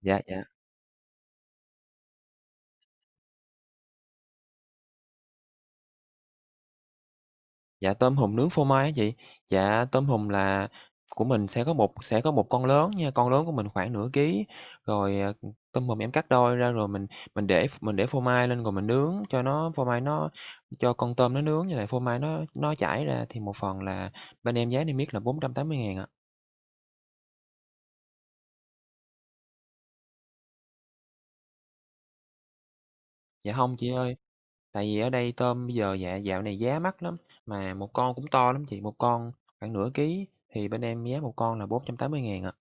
Dạ, dạ, dạ, tôm hùm nướng phô mai á chị. Dạ, tôm hùm là của mình sẽ có một con lớn nha, con lớn của mình khoảng nửa ký, rồi, tôm hùm em cắt đôi ra rồi mình để phô mai lên rồi mình nướng cho nó phô mai nó cho con tôm nó nướng như lại phô mai nó chảy ra thì một phần là bên em giá niêm yết là 480.000 ạ. Dạ không chị ơi, tại vì ở đây tôm bây giờ dạo này giá mắc lắm, mà một con cũng to lắm chị, một con khoảng nửa ký thì bên em giá một con là 480.000 ạ.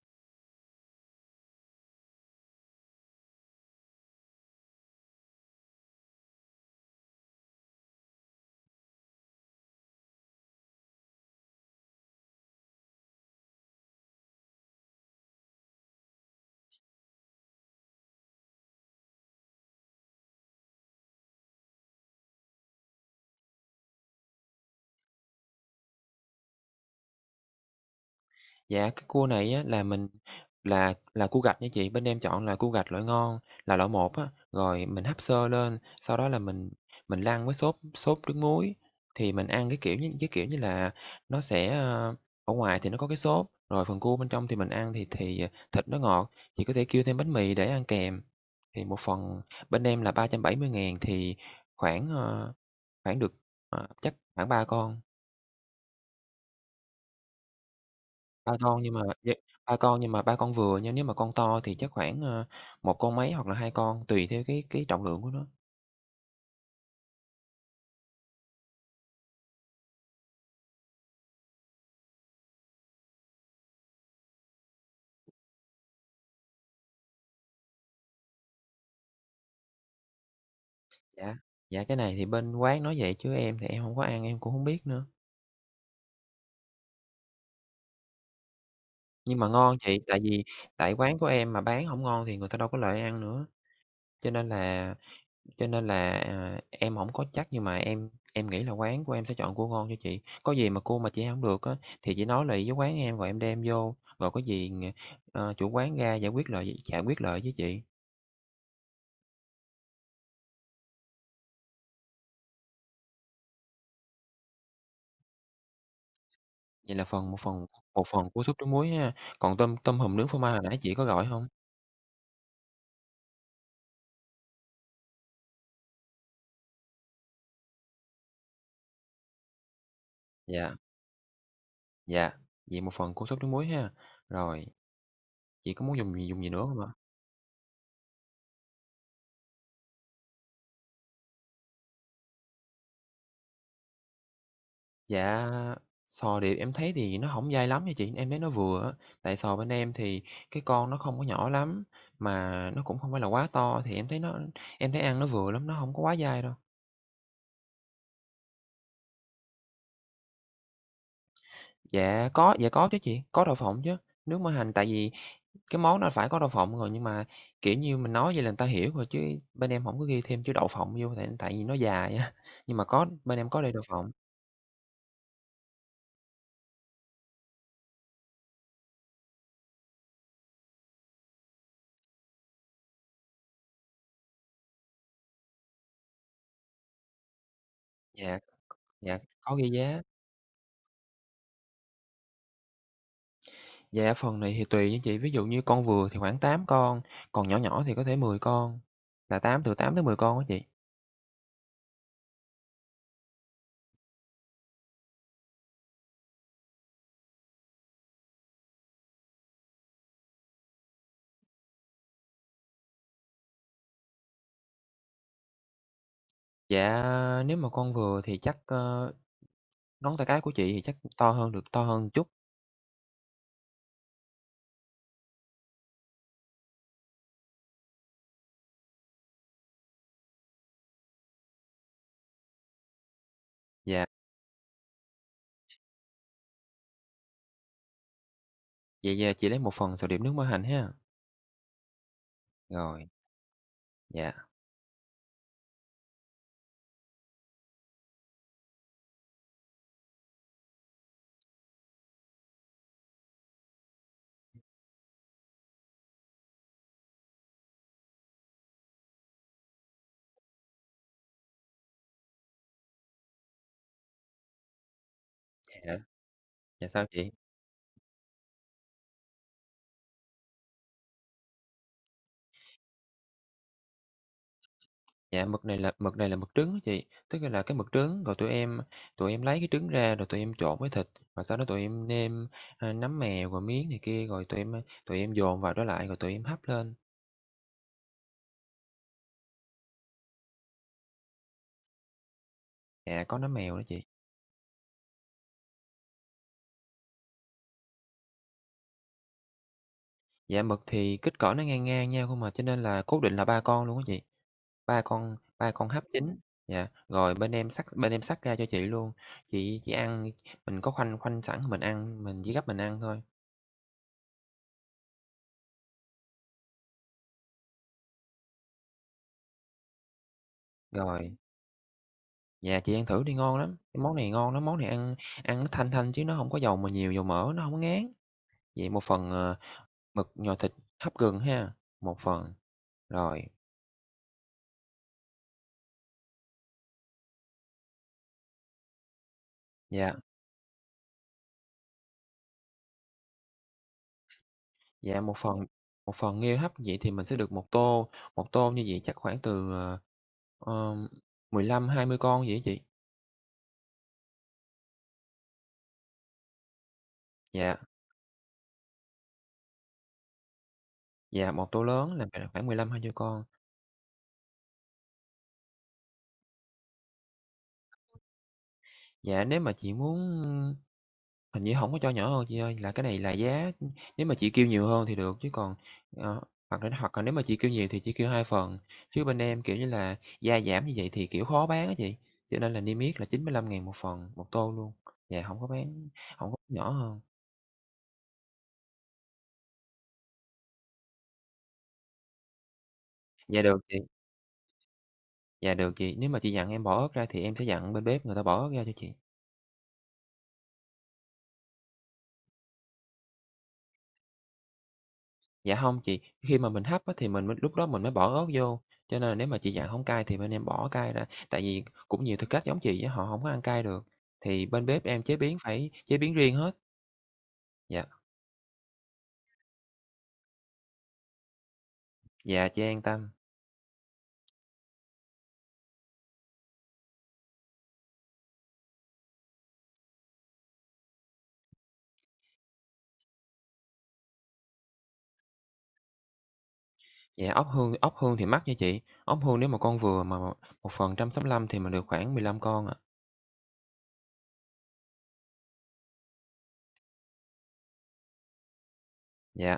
Dạ, cái cua này á là mình là cua gạch nha chị, bên em chọn là cua gạch loại ngon, là loại một á, rồi mình hấp sơ lên, sau đó là mình lăn với sốt sốt nước muối, thì mình ăn cái kiểu như là nó sẽ, ở ngoài thì nó có cái sốt, rồi phần cua bên trong thì mình ăn thì thịt nó ngọt, chị có thể kêu thêm bánh mì để ăn kèm. Thì một phần bên em là 370.000 thì khoảng, khoảng được, chắc khoảng 3 con. Ba con nhưng mà vậy ba con nhưng mà ba con vừa nha, nếu mà con to thì chắc khoảng, 1 con mấy hoặc là 2 con, tùy theo cái trọng lượng của nó. Dạ, dạ, cái này thì bên quán nói vậy chứ em thì em hông có ăn, em cũng hông biết nữa. Nhưng mà ngon chị, tại vì tại quán của em mà bán hổng ngon thì người ta đâu có lại ăn nữa, cho nên là, em hổng có chắc nhưng mà em nghĩ là quán của em sẽ chọn cua ngon cho chị. Có gì mà cua mà chị ăn hông được á, thì chị nói lại với quán em rồi em đem vô, rồi có gì, chủ quán ra giải quyết lại với chị. Vậy là phần một phần một phần cua súp trứng muối ha, còn tôm tôm hùm nướng phô mai hồi nãy chị có gọi hông? Dạ, dạ, vậy một phần cua súp trứng muối ha. Rồi, chị có muốn dùng gì nữa hông ạ? Dạ, sò điệp em thấy thì nó hổng dai lắm nha chị, em thấy nó vừa á, tại sò bên em thì cái con nó không có nhỏ lắm, mà nó cũng không phải là quá to thì em thấy nó em thấy ăn nó vừa lắm, nó hông có quá dai đâu. Dạ có chứ chị, có đậu phộng chứ, nước mỡ hành tại vì cái món nó phải có đậu phộng rồi, nhưng mà, kiểu như, mình nói vậy là người ta hiểu rồi chứ bên em hổng có ghi thêm chữ đậu phộng vô tại tại vì nó dài á, nhưng mà bên em có đầy đậu phộng. Dạ, dạ, có ghi giá. Dạ, phần này thì tùy nha chị, ví dụ như con vừa thì khoảng 8 con, còn nhỏ nhỏ thì có thể 10 con, là 8 từ tám tới 10 con á chị. Dạ, nếu mà con vừa thì chắc, ngón tay cái của chị thì chắc to hơn chút. Dạ, vậy, chị lấy một phần sầu điểm nước mỡ hành ha. Rồi, dạ, dạ, dạ sao chị? Dạ, mực này là mực trứng á chị, tức là cái mực trứng rồi tụi em lấy cái trứng ra rồi tụi em trộn với thịt, và sau đó tụi em nêm, nấm mèo rồi miếng này kia, rồi tụi em dồn vào đó lại rồi tụi em hấp lên. Dạ, có nấm mèo đó chị. Dạ, mực thì kích cỡ nó ngang ngang nhau không à, cho nên là cố định là 3 con luôn á chị, ba con hấp chín. Dạ, rồi bên em xắt ra cho chị luôn, chị ăn mình có khoanh khoanh sẵn mình ăn, mình chỉ gấp mình ăn thôi. Rồi. Dạ, chị ăn thử đi, ngon lắm, cái món này ngon lắm, món này ăn ăn nó thanh thanh chứ nó không có dầu mà nhiều dầu mỡ, nó không có ngán. Vậy một phần, mực nhồi thịt hấp gừng ha, một phần, rồi, dạ, dạ, một phần nghêu hấp vậy thì mình sẽ được một tô như vậy chắc khoảng từ, ờ, 15-20 con vậy á chị? Dạ, dạ, một tô lớn là khoảng 15-20 con. Dạ, nếu mà chị muốn hình như không có cho nhỏ hơn chị ơi, là cái này là giá nếu mà chị kêu nhiều hơn thì được, chứ còn, ờ, hoặc là nếu mà chị kêu nhiều thì chị kêu 2 phần, chứ bên em, kiểu như là, gia giảm như vậy thì, kiểu, khó bán á chị, cho nên là niêm yết là 95.000 một phần, một tô luôn. Dạ, không có nhỏ hơn. Dạ, được chị, dạ, được chị, nếu mà chị dặn em bỏ ớt ra thì em sẽ dặn bên bếp người ta bỏ ớt ra cho chị. Dạ không chị, khi mà mình hấp á thì mình mới lúc đó mình mới bỏ ớt vô, cho nên là nếu mà chị dặn không cay thì bên em bỏ cay ra, tại vì cũng nhiều thực khách giống chị á, họ không có ăn cay được, thì bên bếp em chế biến phải chế biến riêng hết. Dạ, dạ, chị an tâm. Dạ, ốc hương thì mắc nha chị, ốc hương nếu mà con vừa mà một phần 165.000 thì mình được khoảng 15 con ạ. Dạ.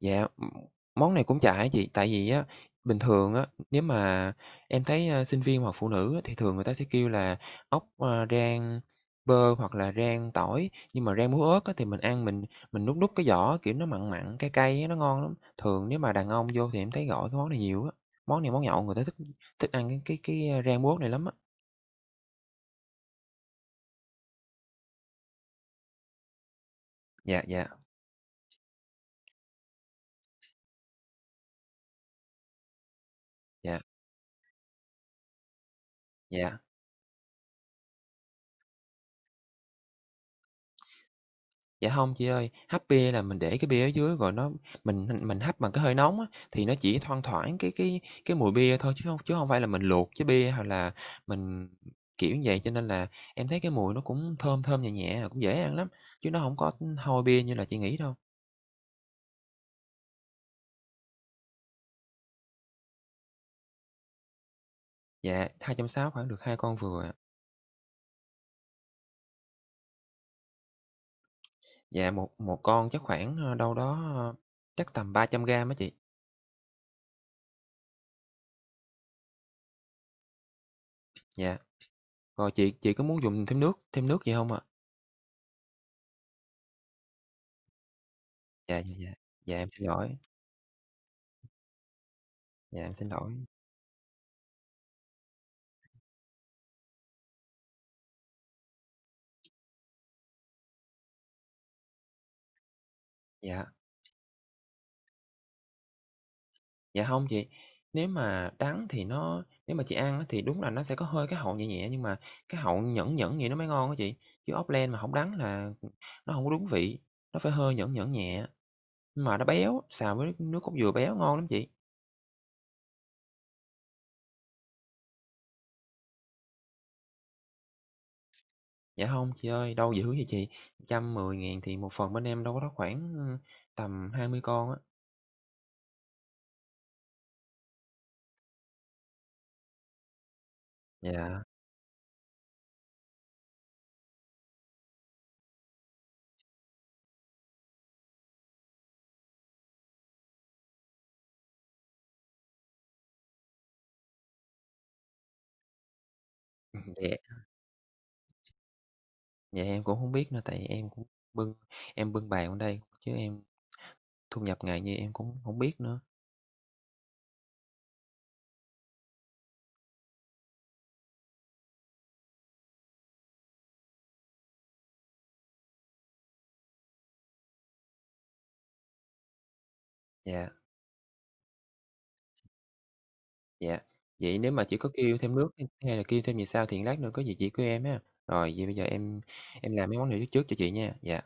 Dạ, món này cũng chả ấy chị, tại vì á, bình thường á, nếu mà em thấy, sinh viên hoặc phụ nữ á, thì thường người ta sẽ kêu là ốc, rang bơ hoặc là rang tỏi, nhưng mà rang muối ớt á, thì mình ăn mình nuốt nuốt cái vỏ, kiểu, nó mặn mặn, cay cay á, nó ngon lắm. Thường nếu mà đàn ông vô thì em thấy gọi cái món này nhiều á, món này món nhậu người ta thích thích ăn rang muối ớt này lắm á. Dạ, dạ, dạ, dạ. Dạ không chị ơi, hấp bia là mình để cái bia ở dưới rồi nó mình hấp bằng cái hơi nóng á, thì nó chỉ thoang thoảng cái mùi bia thôi chứ không phải là mình luộc chế bia hoặc là mình kiểu như vậy. Cho nên là em thấy cái mùi nó cũng thơm thơm, nhẹ nhẹ, cũng dễ ăn lắm, chứ nó không có hôi bia như là chị nghĩ đâu. Dạ, 260.000 khoảng được 2 con vừa à. Dạ, một một con chắc khoảng, đâu đó, chắc tầm 300 gam á chị. Dạ, rồi chị có muốn dùng thêm nước gì không ạ? Dạ, dạ, dạ. Dạ, em xin lỗi, dạ, em xin lỗi. Dạ. Dạ không chị, nếu mà chị ăn á thì đúng là nó sẽ có hơi cái hậu nhẹ nhẹ, nhưng mà cái hậu nhẫn nhẫn vậy nó mới ngon á chị, chứ ốc len mà không đắng là, nó không có đúng vị, nó phải hơi nhẫn nhẫn nhẹ, nhưng mà nó béo, xào với nước cốt dừa béo ngon lắm chị. Dạ không chị ơi, đâu dữ vậy chị, trăm mười 000 thì một phần bên em đâu có đó khoảng, tầm 20 con á. Dạ, dạ, dạ em cũng không biết nữa, tại em cũng bưng em bưng bàn ở đây, chứ em thu nhập ngày như em cũng không biết nữa. Dạ. Dạ, vậy nếu mà chỉ có kêu thêm nước, hay là kêu thêm gì sao thì lát nữa có gì chỉ của em ha. Rồi vậy bây giờ em làm mấy món này trước trước cho chị nha. Dạ.